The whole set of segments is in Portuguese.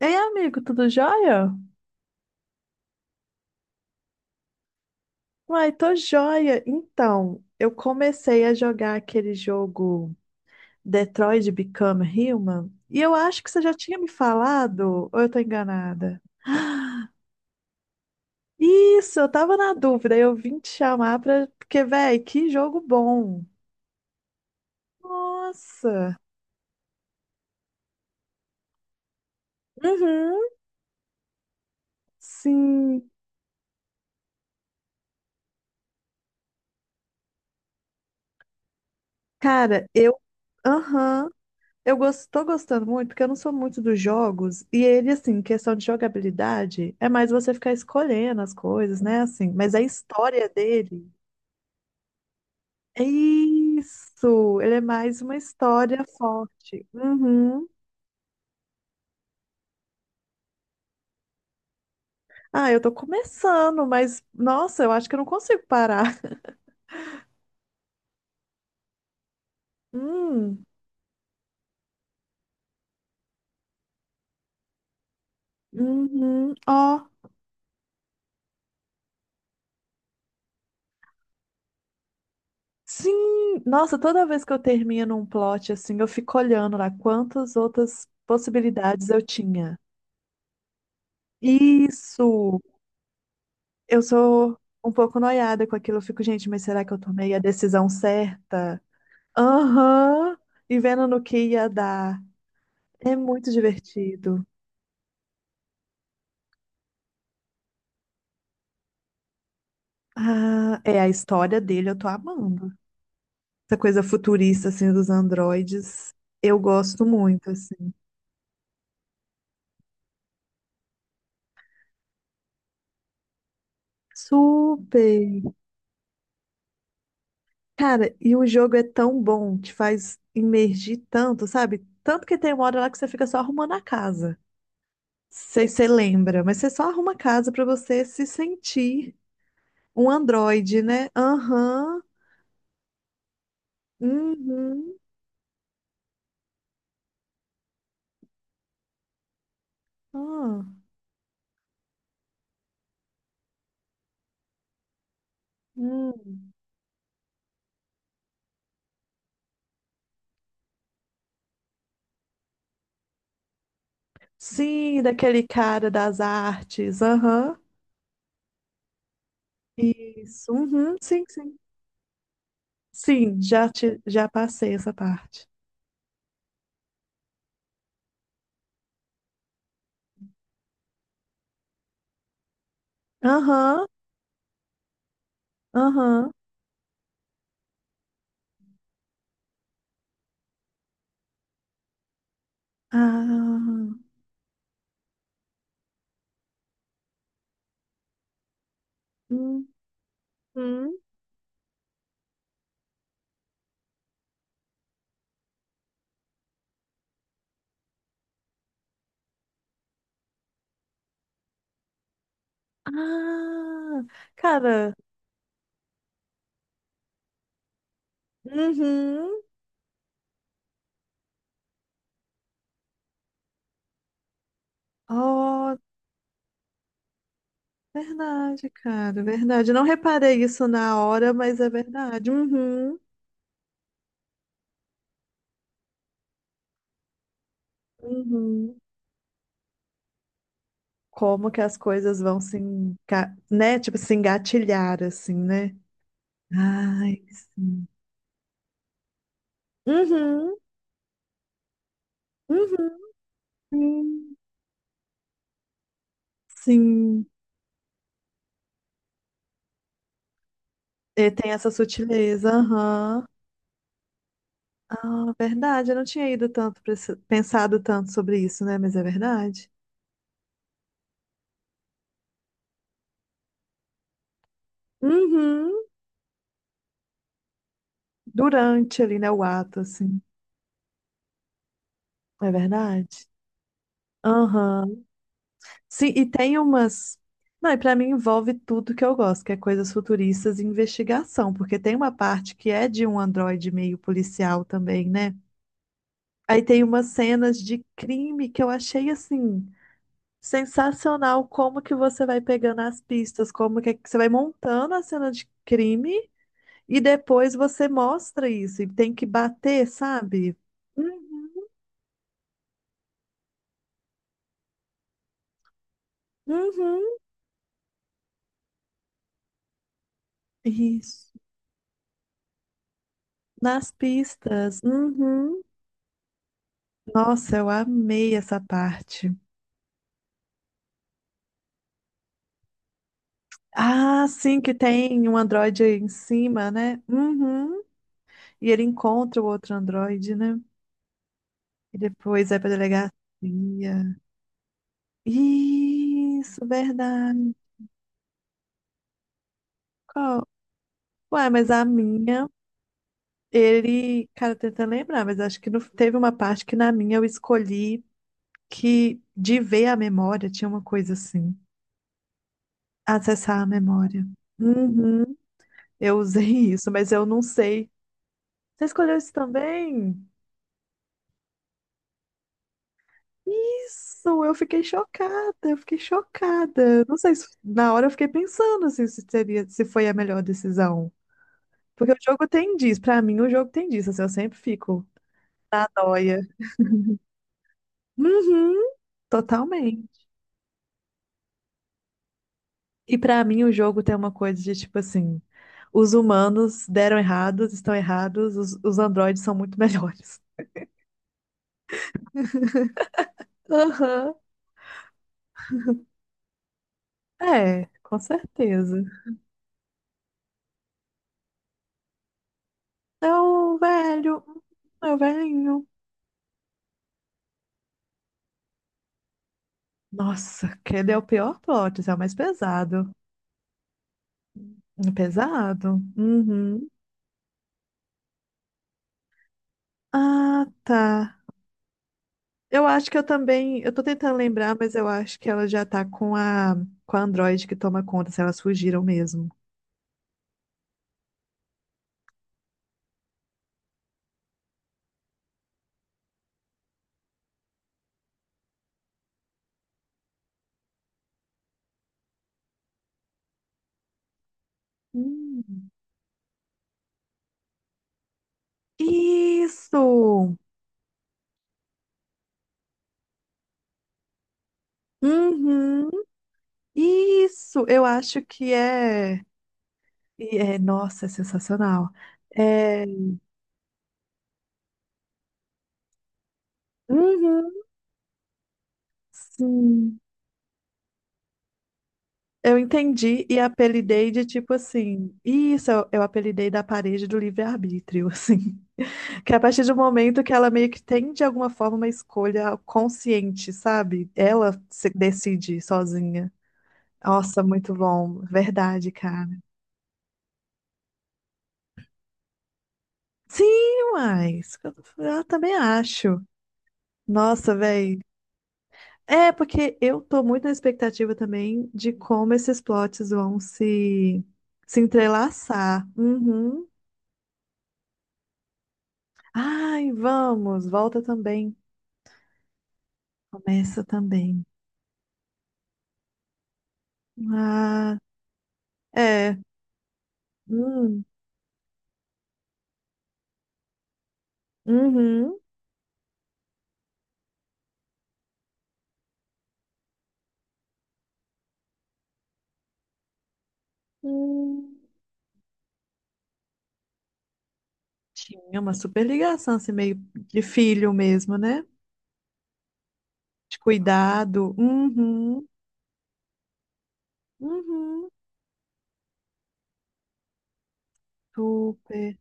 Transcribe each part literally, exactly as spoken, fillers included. Ei, amigo, tudo jóia? Uai, tô jóia. Então, eu comecei a jogar aquele jogo Detroit Become Human e eu acho que você já tinha me falado, ou eu tô enganada? Isso, eu tava na dúvida, eu vim te chamar pra... Porque, véi, que jogo bom. Nossa. Uhum. Sim. Cara, eu... Aham. Eu gos- tô gostando muito, porque eu não sou muito dos jogos, e ele, assim, em questão de jogabilidade, é mais você ficar escolhendo as coisas, né, assim, mas a história dele, é isso, ele é mais uma história forte. Uhum. Ah, eu tô começando, mas, nossa, eu acho que eu não consigo parar. Hum, uhum, ó, sim, nossa, toda vez que eu termino um plot, assim, eu fico olhando lá quantas outras possibilidades eu tinha. Isso! Eu sou um pouco noiada com aquilo. Eu fico, gente, mas será que eu tomei a decisão certa? Aham. E vendo no que ia dar. É muito divertido. Ah, é a história dele, eu tô amando. Essa coisa futurista, assim, dos androides, eu gosto muito, assim. Super! Cara, e o jogo é tão bom, te faz imergir tanto, sabe? Tanto que tem uma hora lá que você fica só arrumando a casa. Sei se você lembra, mas você só arruma a casa pra você se sentir um Android, né? Aham. Uhum. Ah. Hum. Sim, daquele cara das artes. Aham. Isso. Uhum. Sim, sim. Sim, já, te, já passei essa parte. Aham. Aham. Ah. Uhum. Ah. Cara. Uhum. Oh, verdade, cara. Verdade. Não reparei isso na hora, mas é verdade. Uhum. Uhum. Como que as coisas vão se, enga- né? Tipo, se engatilhar, assim, né? Ai, sim. Uhum, uhum, sim. Sim. E tem essa sutileza, aham. Ah, verdade, eu não tinha ido tanto pra esse- pensado tanto sobre isso, né? Mas é verdade. Uhum. Durante ali, né, o ato, assim. É verdade. Aham. Sim, e tem umas. Não, e pra mim envolve tudo que eu gosto, que é coisas futuristas e investigação, porque tem uma parte que é de um androide meio policial também, né? Aí tem umas cenas de crime que eu achei assim sensacional, como que você vai pegando as pistas, como que é que você vai montando a cena de crime e depois você mostra isso e tem que bater, sabe? Uhum. Uhum. Isso. Nas pistas. Uhum. Nossa, eu amei essa parte. Ah, sim, que tem um androide aí em cima, né? Uhum. E ele encontra o outro androide, né? E depois vai pra delegacia. Isso, verdade. Qual? Ué, mas a minha, ele. Cara, tenta lembrar, mas acho que não... Teve uma parte que na minha eu escolhi que de ver a memória tinha uma coisa assim. Acessar a memória. Uhum. Eu usei isso, mas eu não sei. Você escolheu isso também? Isso, eu fiquei chocada, eu fiquei chocada. Não sei se na hora eu fiquei pensando assim, se seria, se foi a melhor decisão. Porque o jogo tem disso, Pra mim o jogo tem disso, assim, eu sempre fico na nóia. Uhum, totalmente. E pra mim o jogo tem uma coisa de tipo assim, os humanos deram errados, estão errados, os, os androides são muito melhores. Aham. É, com certeza. É o velho, é o velhinho. Nossa, aquele é o pior plot, esse é o mais pesado. É pesado? Uhum. Ah, tá. Eu acho que eu também. Eu tô tentando lembrar, mas eu acho que ela já tá com a, com a Android que toma conta, se elas fugiram mesmo. Hum. Isso! Uhum. Isso! Eu acho que é. E é, nossa, é sensacional. É, uhum. Sim, eu entendi e apelidei de tipo assim. Isso eu, eu apelidei da parede do livre-arbítrio, assim. Que a partir do momento que ela meio que tem de alguma forma uma escolha consciente, sabe? Ela se decide sozinha. Nossa, muito bom. Verdade, cara. Sim, mas eu também acho. Nossa, velho. É, porque eu tô muito na expectativa também de como esses plots vão se, se entrelaçar. Uhum. Ai, vamos, volta também. Começa também. Ah, é. Hum, uhum. Hum. Tinha uma super ligação, assim, meio de filho mesmo, né? De cuidado. Uhum. Uhum. Super.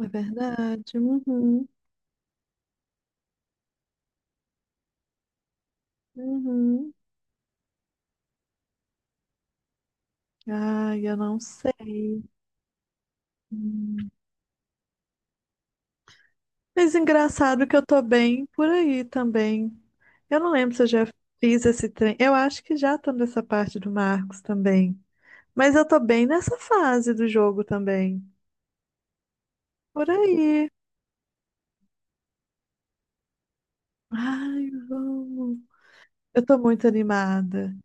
É verdade. Uhum. Uhum. Ai, eu não sei. Mas engraçado que eu tô bem por aí também. Eu não lembro se eu já fiz esse trem. Eu acho que já tô nessa parte do Marcos também. Mas eu tô bem nessa fase do jogo também. Por aí. Ai, vamos. Eu tô muito animada.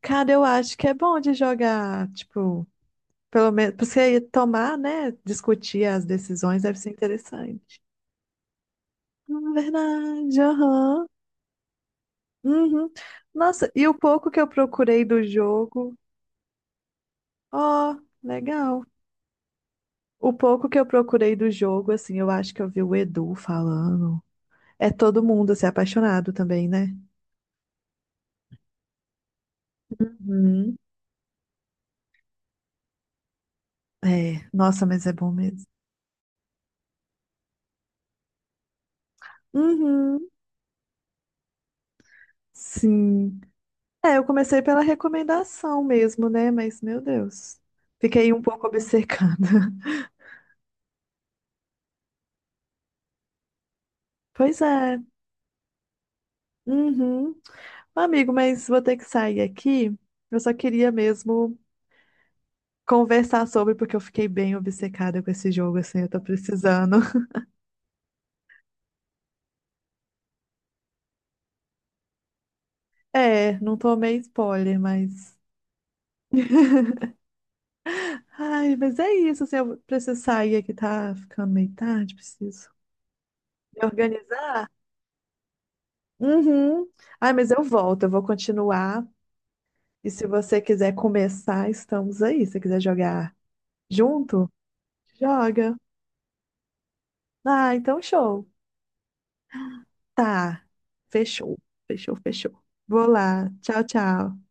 Cara, eu acho que é bom de jogar, tipo, pelo menos, pra você tomar, né? Discutir as decisões deve ser interessante. Hum, Verdade, aham. Uhum. Nossa, e o pouco que eu procurei do jogo. Ó, legal. O pouco que eu procurei do jogo, assim, eu acho que eu vi o Edu falando. É todo mundo, assim, apaixonado também, né? Uhum. É, nossa, mas é bom mesmo. Uhum, sim. É, eu comecei pela recomendação mesmo, né? Mas, meu Deus, fiquei um pouco obcecada. Pois é. Uhum. Amigo, mas vou ter que sair aqui. Eu só queria mesmo conversar sobre, porque eu fiquei bem obcecada com esse jogo, assim, eu tô precisando. É, não tomei spoiler, mas. Ai, mas é isso, assim, eu preciso sair aqui, tá ficando meio tarde, preciso me organizar. Uhum. Ai, mas eu volto, eu vou continuar. E se você quiser começar, estamos aí. Se você quiser jogar junto, joga. Ah, então show. Tá. Fechou, fechou, fechou. Vou lá. Tchau, tchau.